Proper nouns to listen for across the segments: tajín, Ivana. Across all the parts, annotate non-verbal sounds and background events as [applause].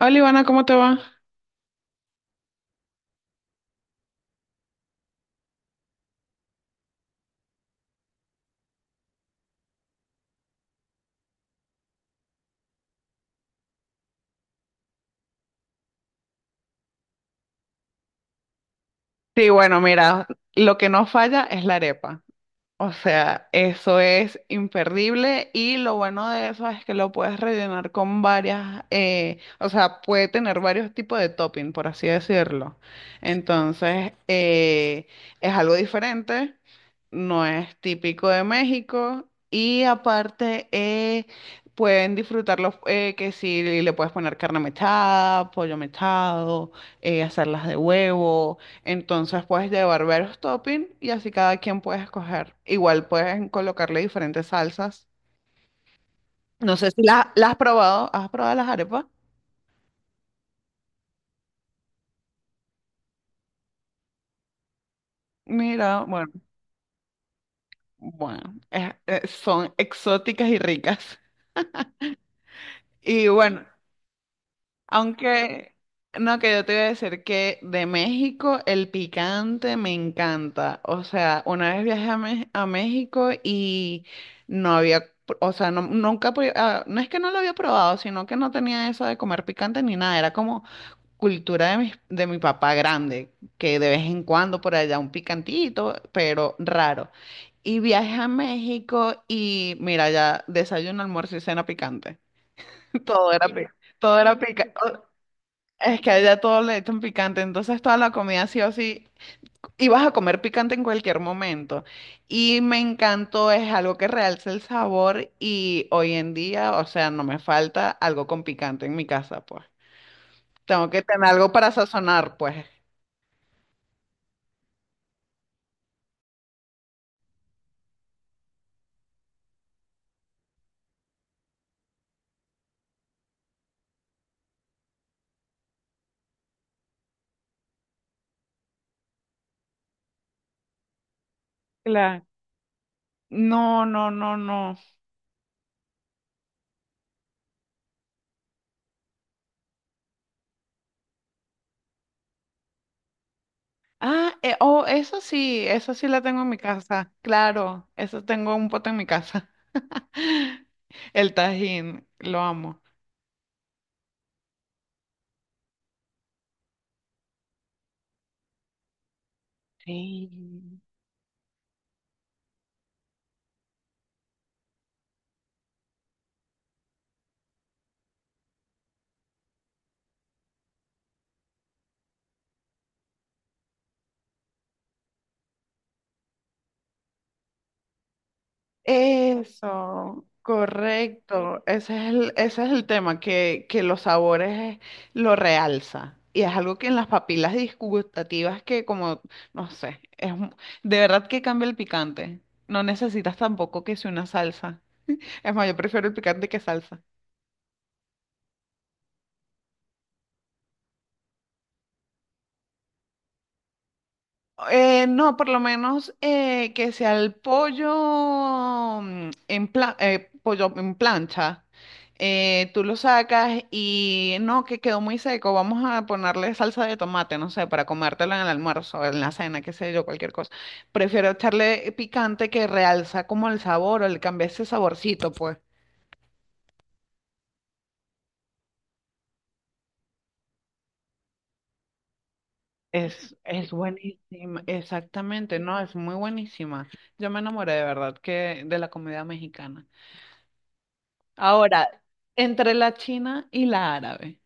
Hola Ivana, ¿cómo te va? Sí, bueno, mira, lo que no falla es la arepa. O sea, eso es imperdible y lo bueno de eso es que lo puedes rellenar con varias, o sea, puede tener varios tipos de topping, por así decirlo. Entonces, es algo diferente, no es típico de México y aparte pueden disfrutarlo que si le puedes poner carne mechada, pollo mechado, hacerlas de huevo. Entonces puedes llevar varios toppings y así cada quien puede escoger. Igual puedes colocarle diferentes salsas. No sé si las has probado. ¿Has probado las arepas? Mira, bueno, son exóticas y ricas. Y bueno, aunque, no, que yo te iba a decir que de México el picante me encanta. O sea, una vez viajé a, a México y no había, o sea, no, nunca, pr- ah, no es que no lo había probado, sino que no tenía eso de comer picante ni nada. Era como cultura de mi papá grande, que de vez en cuando por allá un picantito, pero raro. Y viajé a México y mira, ya desayuno, almuerzo y cena picante. [laughs] Todo era, pi- todo era picante. Es que allá todo le echan picante, entonces toda la comida sí o sí, y vas a comer picante en cualquier momento. Y me encantó, es algo que realza el sabor y hoy en día, o sea, no me falta algo con picante en mi casa, pues. Tengo que tener algo para sazonar, pues. Claro. No, no, no, no. Oh, eso sí la tengo en mi casa, claro, eso tengo un pote en mi casa. [laughs] El tajín, lo amo. Sí. Eso, correcto. Ese es el tema, que los sabores lo realza. Y es algo que en las papilas disgustativas que como, no sé, de verdad que cambia el picante. No necesitas tampoco que sea una salsa. Es más, yo prefiero el picante que salsa. No, por lo menos que sea el pollo pollo en plancha. Tú lo sacas y no, que quedó muy seco. Vamos a ponerle salsa de tomate, no sé, para comértelo en el almuerzo, en la cena, qué sé yo, cualquier cosa. Prefiero echarle picante que realza como el sabor o le cambia ese saborcito, pues. Es buenísima, exactamente, no, es muy buenísima. Yo me enamoré de verdad que de la comida mexicana. Ahora, entre la china y la árabe,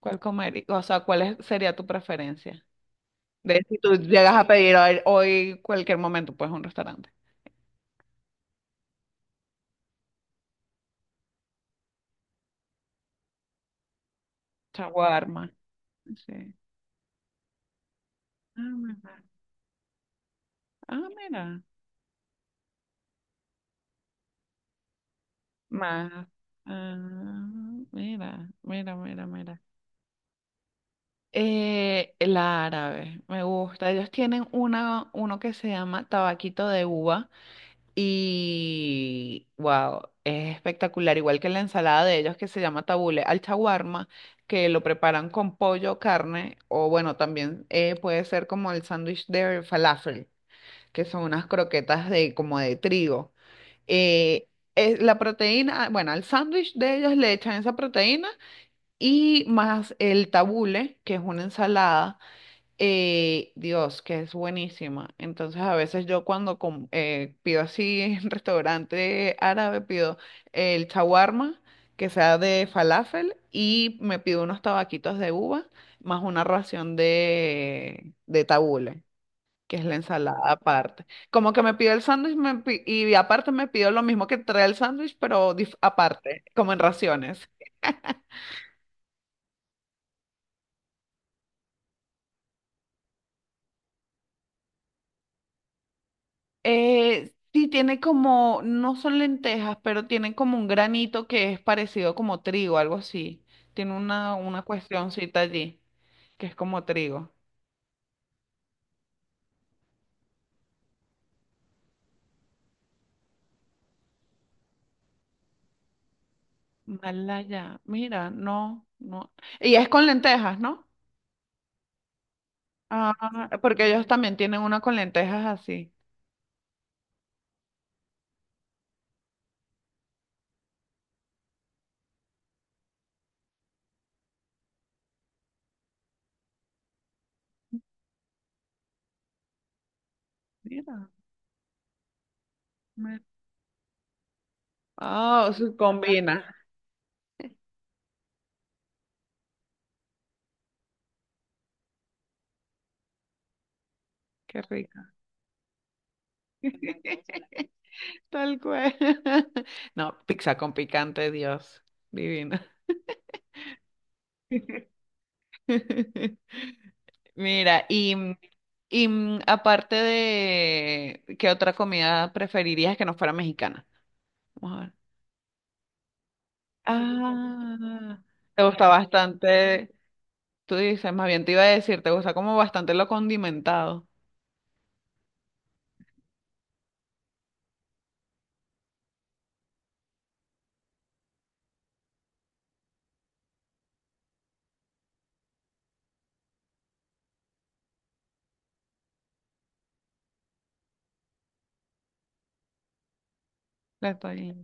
¿cuál comería? O sea, ¿sería tu preferencia? De si tú llegas a pedir hoy, hoy cualquier momento, pues un restaurante. Shawarma. Sí. Ah, mira. Ah, mira. Más. Ah, mira, mira, mira, mira. La árabe, me gusta. Ellos tienen una, uno que se llama tabaquito de uva. Y wow, es espectacular, igual que la ensalada de ellos que se llama tabule al chaguarma, que lo preparan con pollo, carne, o bueno, también puede ser como el sándwich de falafel, que son unas croquetas de como de trigo. Eh, es la proteína, bueno, al sándwich de ellos le echan esa proteína y más el tabule, que es una ensalada Dios, que es buenísima. Entonces, a veces yo pido así en [laughs] restaurante árabe, pido el shawarma, que sea de falafel, y me pido unos tabaquitos de uva, más una ración de tabule, que es la ensalada aparte. Como que me pido el sándwich y aparte me pido lo mismo que trae el sándwich, aparte, como en raciones. Sí, tiene como, no son lentejas, pero tienen como un granito que es parecido como trigo, algo así. Tiene una cuestioncita allí, que es como trigo. Malaya, mira, no, no. Y es con lentejas, ¿no? Ah, porque ellos también tienen una con lentejas así. Mira. me- Ah, se combina. Qué rica. [laughs] Tal cual. [laughs] No, pizza con picante, Dios. Divina. [laughs] [laughs] Mira, aparte de, ¿qué otra comida preferirías que no fuera mexicana? Vamos a ver. Ah, te gusta bastante, tú dices, más bien te iba a decir, te gusta como bastante lo condimentado. Le estoy-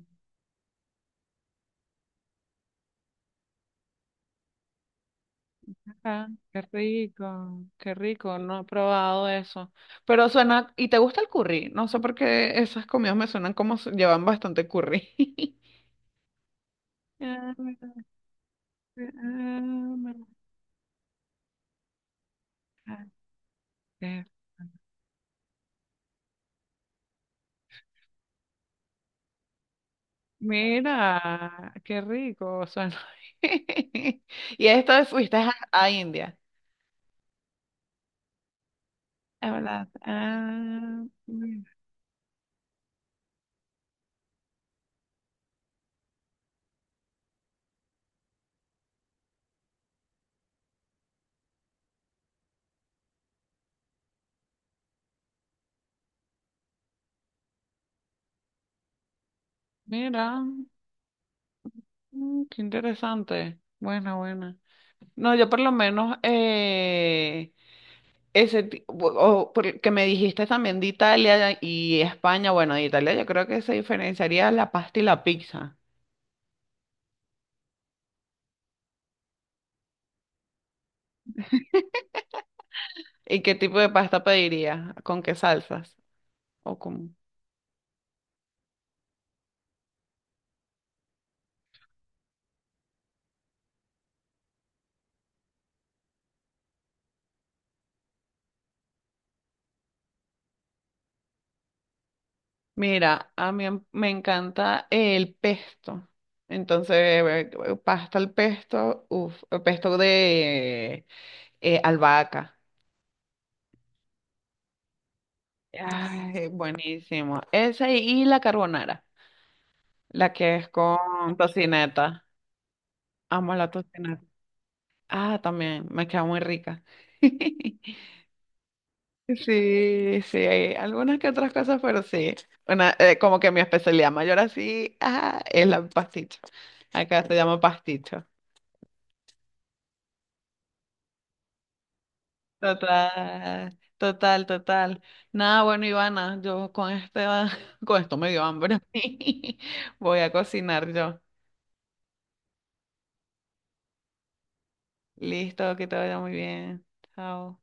Ah, qué rico, no he probado eso. Pero suena, ¿y te gusta el curry? No sé por qué esas comidas me suenan como s- llevan bastante curry. [laughs] Ah, mira, ah, mira. Eh, Mira, qué rico suena. [laughs] Y esto fuiste a India. Es verdad. Mira, mm, qué interesante. Buena, buena. No, yo por lo menos ese ti- o por- que me dijiste también de Italia y España. Bueno, de Italia yo creo que se diferenciaría la pasta y la pizza. ¿Y qué tipo de pasta pedirías? ¿Con qué salsas? ¿O con...? Mira, me encanta el pesto. Entonces, pasta al pesto, uff, pesto de albahaca. Ay, buenísimo. Esa y la carbonara, la que es con tocineta. Amo la tocineta. Ah, también, me queda muy rica. [laughs] Sí, sí, hay algunas que otras cosas, pero sí. Una, como que mi especialidad mayor así, ah, es la pasticho. Acá se llama pasticho. Total, total, total. Nada, bueno, Ivana, yo con este, [laughs] con esto me dio hambre [laughs] Voy a cocinar yo. Listo, que te vaya muy bien. Chao.